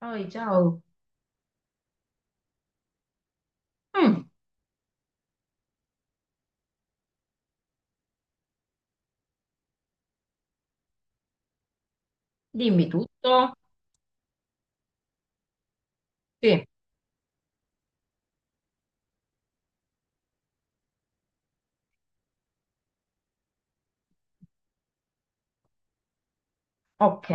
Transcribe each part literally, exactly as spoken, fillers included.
Poi, ciao. Mm, dimmi tutto. Sì, ok.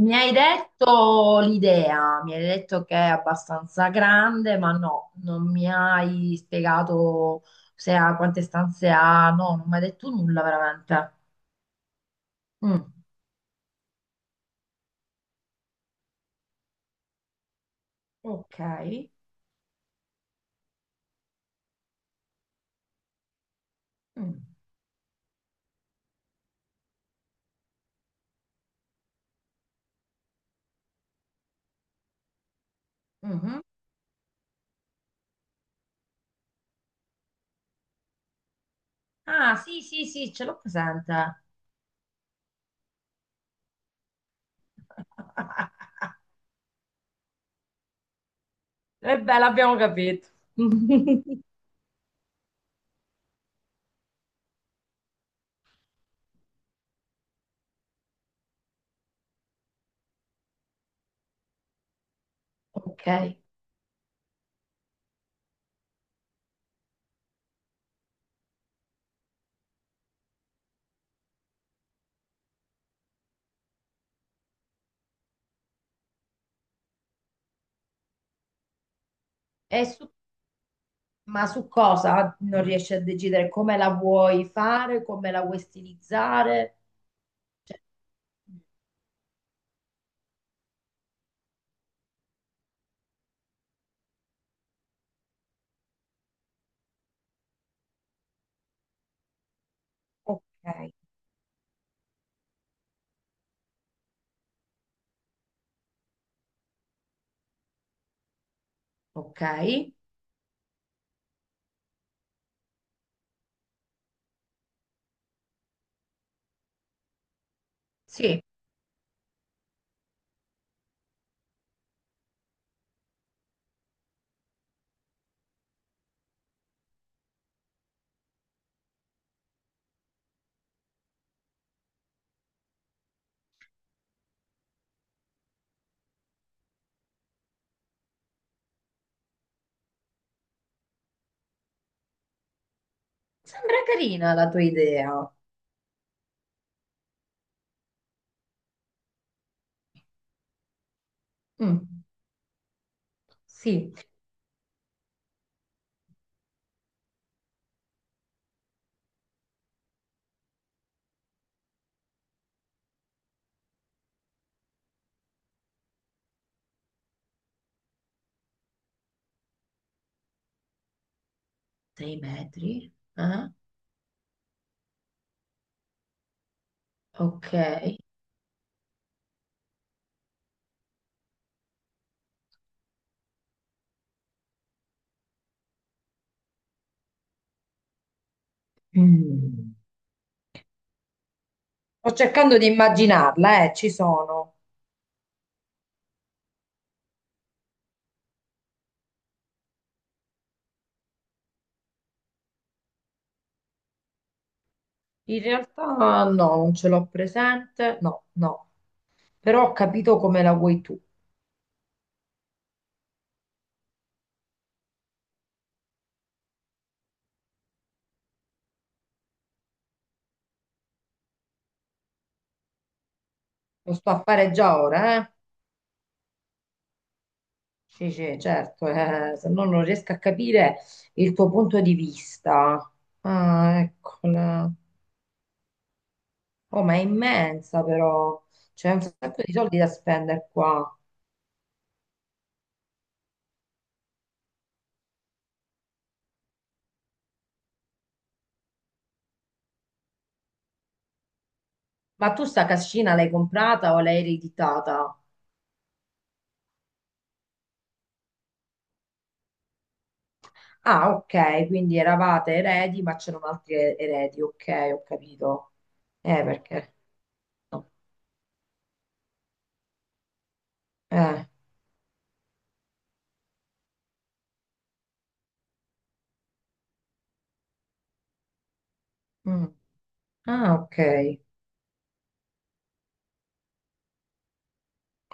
Mi hai detto l'idea, mi hai detto che è abbastanza grande, ma no, non mi hai spiegato se ha quante stanze ha, no, non mi hai detto nulla veramente. Mm, ok. Mm, mhm. Ah, sì, sì, sì, ce l'ho presente. E beh, l'abbiamo capito. Ok. E su Ma su cosa non riesci a decidere? Come la vuoi fare? Come la vuoi stilizzare? Cioè, ok, ok. Sì, sembra carina la tua idea. Mm, sì, sei metri. Eh? Ok. Mm. Sto cercando di immaginarla, eh, ci sono. In realtà no, non ce l'ho presente. No, no. Però ho capito come la vuoi tu. Lo sto a fare già ora, eh. Sì, sì, certo, eh, se no non riesco a capire il tuo punto di vista. Ah, ecco, la- oh, ma è immensa però, c'è un sacco di soldi da spendere qua. Ma tu sta cascina l'hai comprata o l'hai ereditata? Ah, ok, quindi eravate eredi, ma c'erano altri e- eredi, ok, ho capito. Eh, perché? No. Eh, mm. Ah, ok,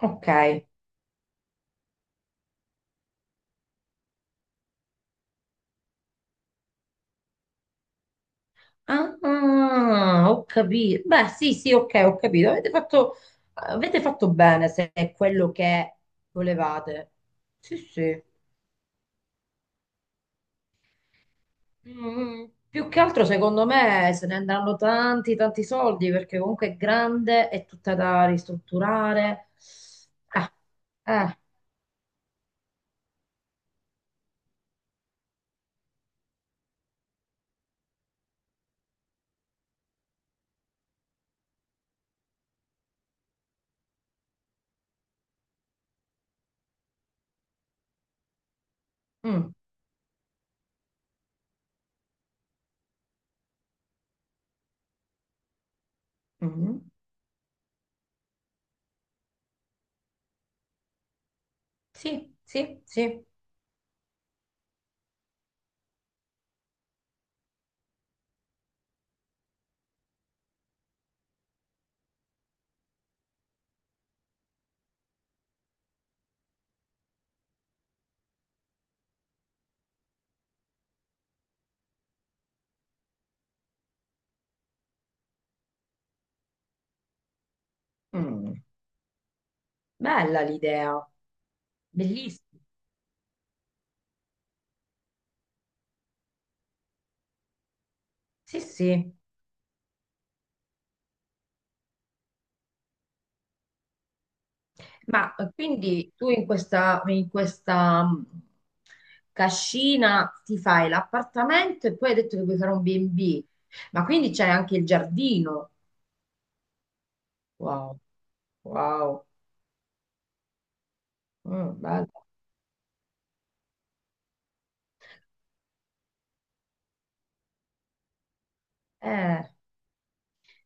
ok. Ah, ah, ho capito. Beh, sì, sì, ok, ho capito. Avete fatto, avete fatto bene se è quello che volevate. Sì, sì. Mm, più che altro, secondo me, se ne andranno tanti, tanti soldi perché comunque è grande, è tutta da ristrutturare. Ah, eh, mm, mm. Sì, sì, sì. Mm. Bella l'idea, bellissima. Sì, sì. Ma eh, quindi tu in questa, in questa mh, cascina ti fai l'appartamento e poi hai detto che vuoi fare un B e B, ma quindi c'è anche il giardino. Wow, wow. Mm, bello. Eh,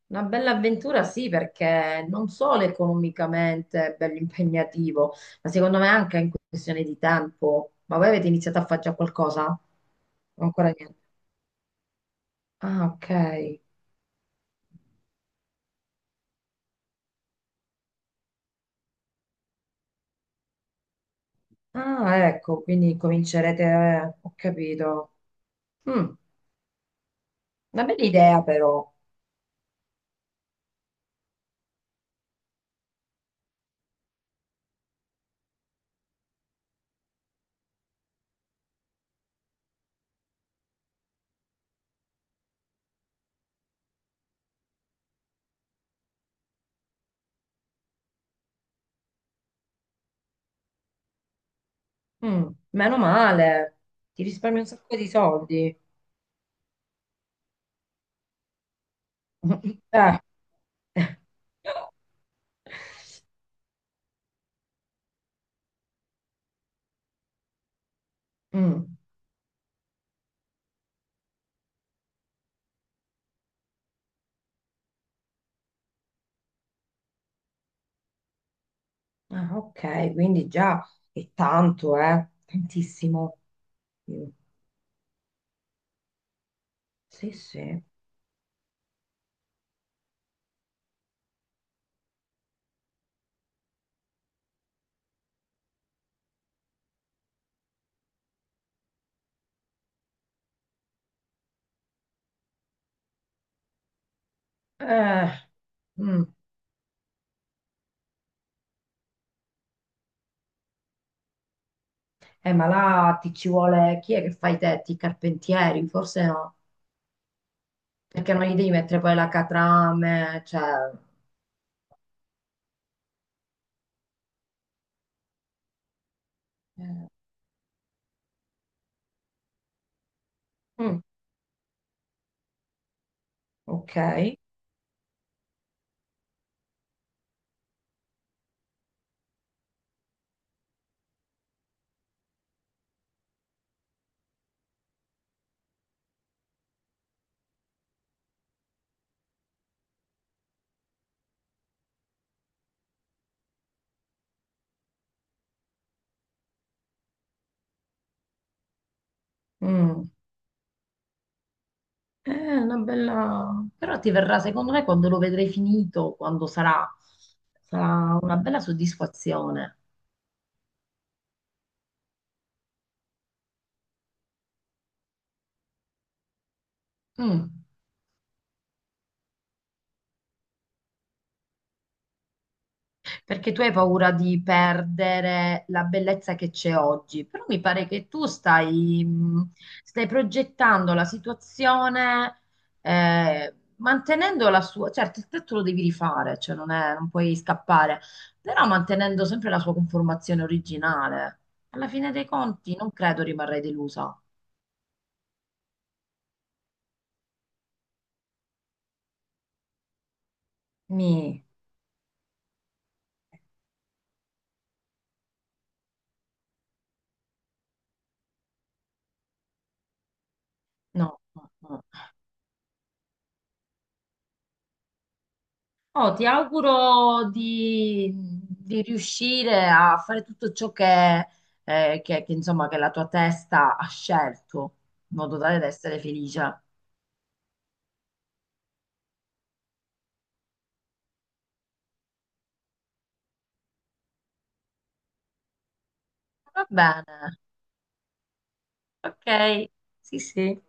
una bella avventura sì, perché non solo economicamente è bello impegnativo, ma secondo me anche in questione di tempo. Ma voi avete iniziato a fare già qualcosa? Ancora niente. Ah, ok. Ah, ecco, quindi comincerete, eh, ho capito. Mm, una bella idea però. Mm, meno male, ti risparmi un sacco di soldi. Eh. Mm. Ah, ok, quindi già è tanto, eh? Tantissimo. Mm. Sì, sì. Eh, mm. Eh, ma là ti ci vuole chi è che fa i tetti? I carpentieri? Forse no, perché non gli devi mettere poi la catrame, cioè... Eh, mm, ok. Mm. È una bella... Però ti verrà, secondo me, quando lo vedrai finito, quando sarà, sarà una bella soddisfazione. Mm. Perché tu hai paura di perdere la bellezza che c'è oggi, però mi pare che tu stai, mh, stai progettando la situazione, eh, mantenendo la sua, certo, il tetto lo devi rifare, cioè non è- non puoi scappare, però mantenendo sempre la sua conformazione originale. Alla fine dei conti non credo rimarrai delusa. Mi, no, no, no. Oh, ti auguro di, di riuscire a fare tutto ciò che, eh, che- che, insomma, che la tua testa ha scelto, in modo tale da essere felice. Va bene, ok, sì, sì.